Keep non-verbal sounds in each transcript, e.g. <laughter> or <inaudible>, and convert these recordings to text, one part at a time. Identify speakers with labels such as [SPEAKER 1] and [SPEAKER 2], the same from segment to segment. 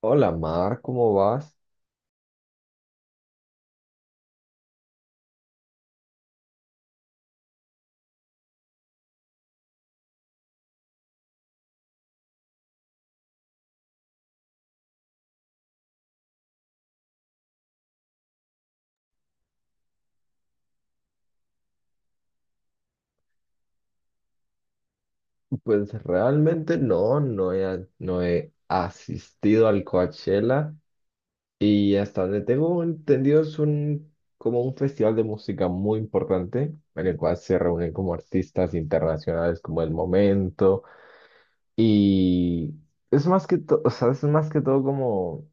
[SPEAKER 1] Hola Mar, ¿cómo vas? Pues realmente no he asistido al Coachella y hasta donde tengo entendido es como un festival de música muy importante en el cual se reúnen como artistas internacionales como El Momento y es más que todo, o sea, es más que todo como.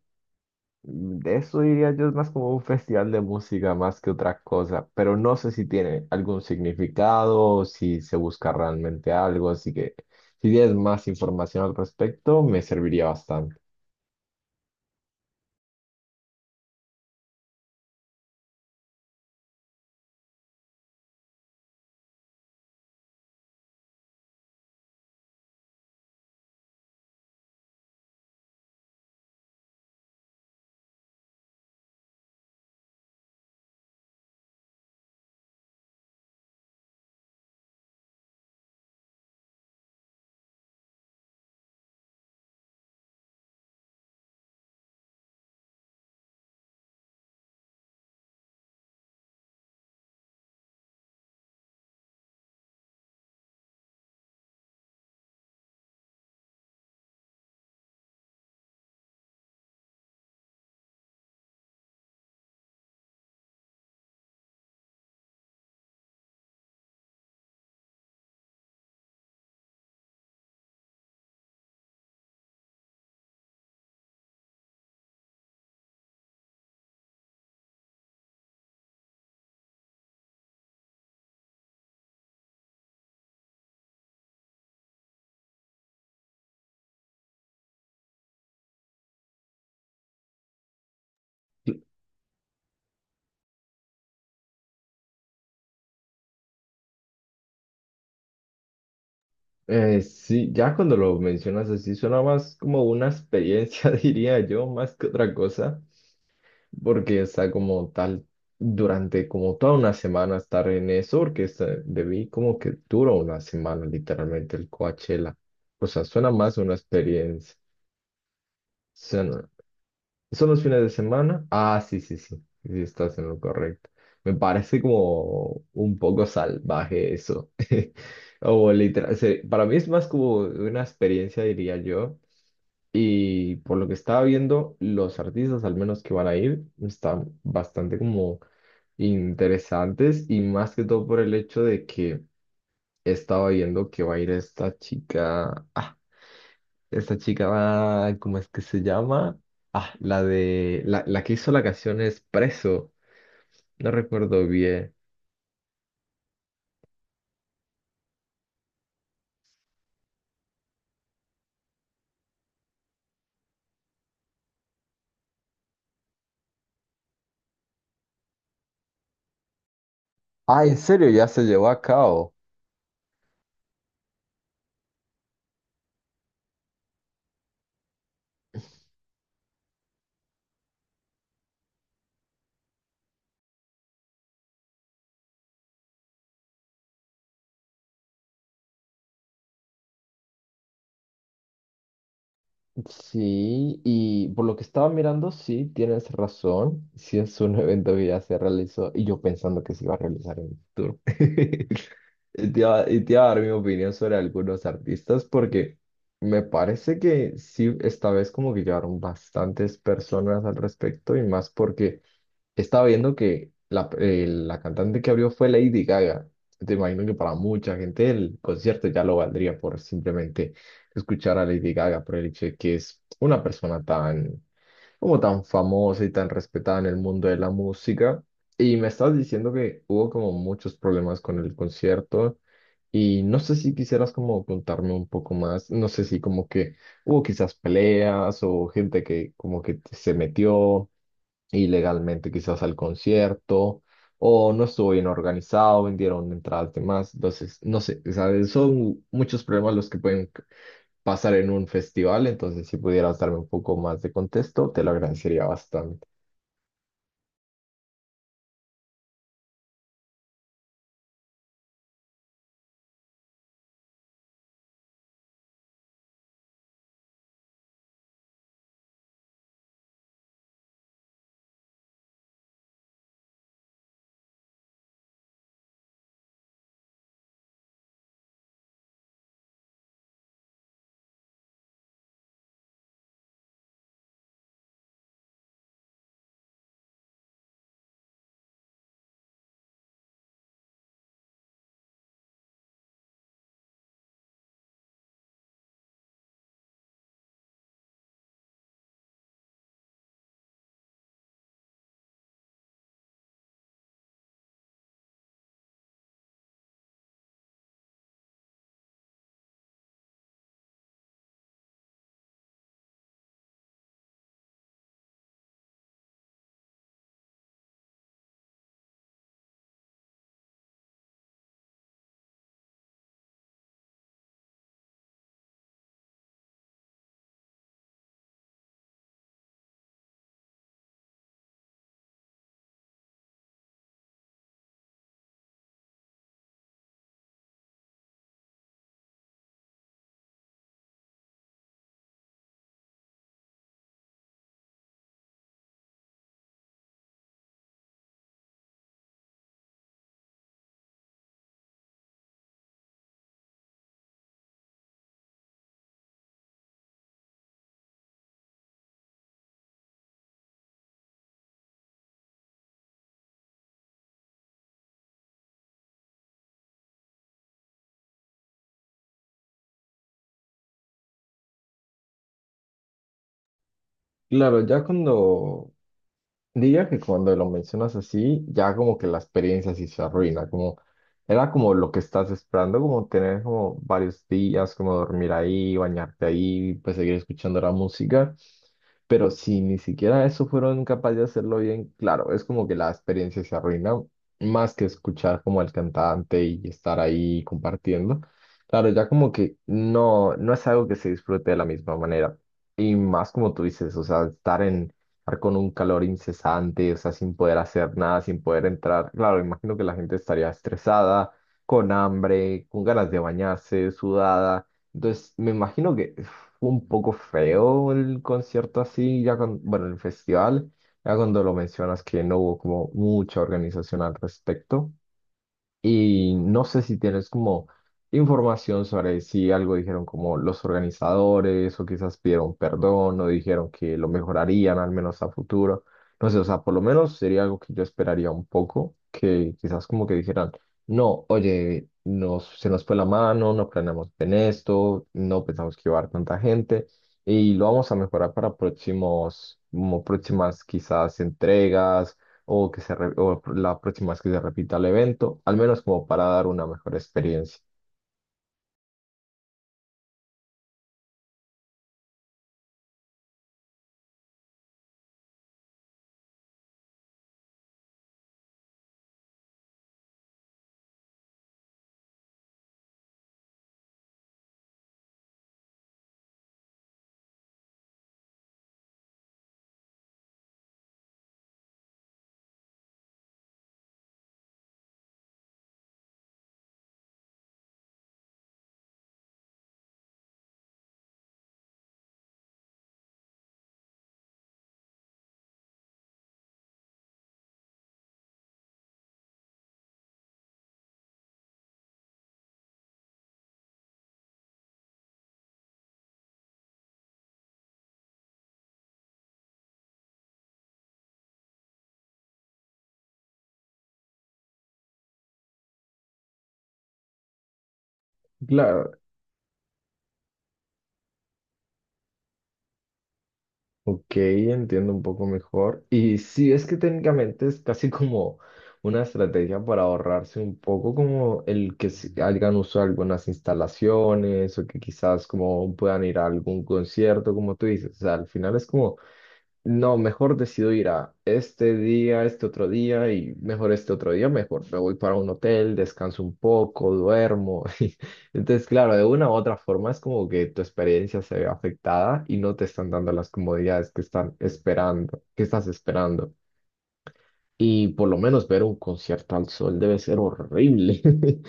[SPEAKER 1] De eso diría yo es más como un festival de música más que otra cosa, pero no sé si tiene algún significado o si se busca realmente algo, así que si tienes más información al respecto, me serviría bastante. Sí, ya cuando lo mencionas así, suena más como una experiencia, <laughs> diría yo, más que otra cosa. Porque está como tal durante como toda una semana estar en eso, porque debí como que dura una semana literalmente el Coachella. O sea, suena más una experiencia. Suena- ¿Son los fines de semana? Ah, sí, sí, sí, sí, estás en lo correcto. Me parece como un poco salvaje eso. <laughs> O literal, para mí es más como una experiencia, diría yo. Y por lo que estaba viendo, los artistas, al menos que van a ir, están bastante como interesantes y más que todo por el hecho de que estaba viendo que va a ir esta chica, ah, esta chica va, ¿cómo es que se llama? Ah, la que hizo la canción es Preso, no recuerdo bien. Ah, ¿en serio? Ya se llevó a cabo. Sí, y por lo que estaba mirando, sí, tienes razón. Sí es un <laughs> evento que ya se realizó y yo pensando que se iba a realizar en el futuro. <laughs> Y te iba a dar mi opinión sobre algunos artistas porque me parece que sí, esta vez como que llegaron bastantes personas al respecto y más porque estaba viendo que la cantante que abrió fue Lady Gaga. Te imagino que para mucha gente el concierto ya lo valdría por simplemente escuchar a Lady Gaga, por el hecho de que es una persona tan, como tan famosa y tan respetada en el mundo de la música. Y me estabas diciendo que hubo como muchos problemas con el concierto. Y no sé si quisieras como contarme un poco más, no sé si como que hubo quizás peleas o gente que como que se metió ilegalmente quizás al concierto o no estuvo bien organizado, vendieron entradas de más. Entonces, no sé, o sea, son muchos problemas los que pasar en un festival, entonces si pudieras darme un poco más de contexto, te lo agradecería bastante. Claro, ya cuando, diría que cuando lo mencionas así, ya como que la experiencia sí se arruina, como era como lo que estás esperando, como tener como varios días, como dormir ahí, bañarte ahí, pues seguir escuchando la música. Pero si ni siquiera eso fueron capaces de hacerlo bien, claro, es como que la experiencia se arruina, más que escuchar como al cantante y estar ahí compartiendo. Claro, ya como que no, no es algo que se disfrute de la misma manera. Y más como tú dices, o sea, estar con un calor incesante, o sea, sin poder hacer nada, sin poder entrar. Claro, imagino que la gente estaría estresada, con hambre, con ganas de bañarse, sudada. Entonces, me imagino que fue un poco feo el concierto así, ya con, bueno, el festival, ya cuando lo mencionas que no hubo como mucha organización al respecto. Y no sé si tienes como información sobre si algo dijeron como los organizadores o quizás pidieron perdón o dijeron que lo mejorarían al menos a futuro. No sé, o sea, por lo menos sería algo que yo esperaría un poco, que quizás como que dijeran, no, oye, se nos fue la mano, no planeamos en esto, no pensamos que iba a haber tanta gente y lo vamos a mejorar para próximos, como próximas quizás entregas o o la próxima vez que se repita el evento, al menos como para dar una mejor experiencia. Claro, ok, entiendo un poco mejor. Y sí, es que técnicamente es casi <laughs> como una estrategia para ahorrarse un poco como el que se hagan uso de algunas instalaciones o que quizás como puedan ir a algún concierto, como tú dices. O sea, al final es como no, mejor decido ir a este día, este otro día y mejor este otro día, mejor. Me voy para un hotel, descanso un poco, duermo. <laughs> Entonces, claro, de una u otra forma es como que tu experiencia se ve afectada y no te están dando las comodidades que que estás esperando. Y por lo menos ver un concierto al sol debe ser horrible. <laughs>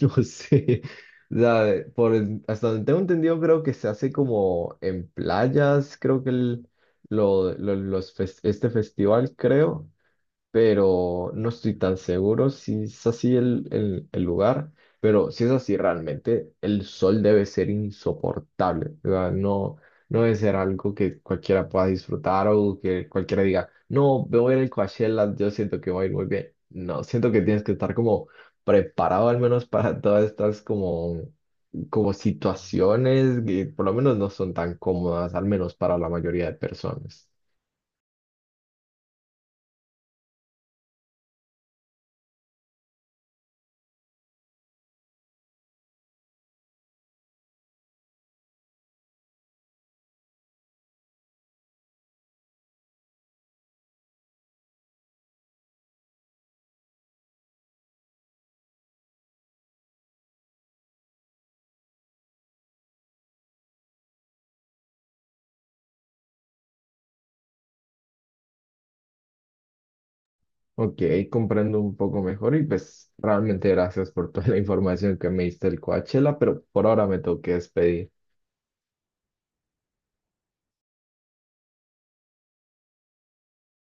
[SPEAKER 1] No sé. O sea, hasta donde tengo entendido, creo que se hace como en playas, creo que el, lo- los fes- este festival, creo, pero no estoy tan seguro si es así el lugar, pero si es así realmente, el sol debe ser insoportable, o sea, no, no debe ser algo que cualquiera pueda disfrutar o que cualquiera diga, no, me voy a ir al Coachella, yo siento que voy a ir muy bien. No, siento que tienes que estar como preparado al menos para todas estas como situaciones que por lo menos no son tan cómodas, al menos para la mayoría de personas. Ok, comprendo un poco mejor y pues realmente gracias por toda la <laughs> información que me diste del Coachella, pero por ahora me tengo que despedir.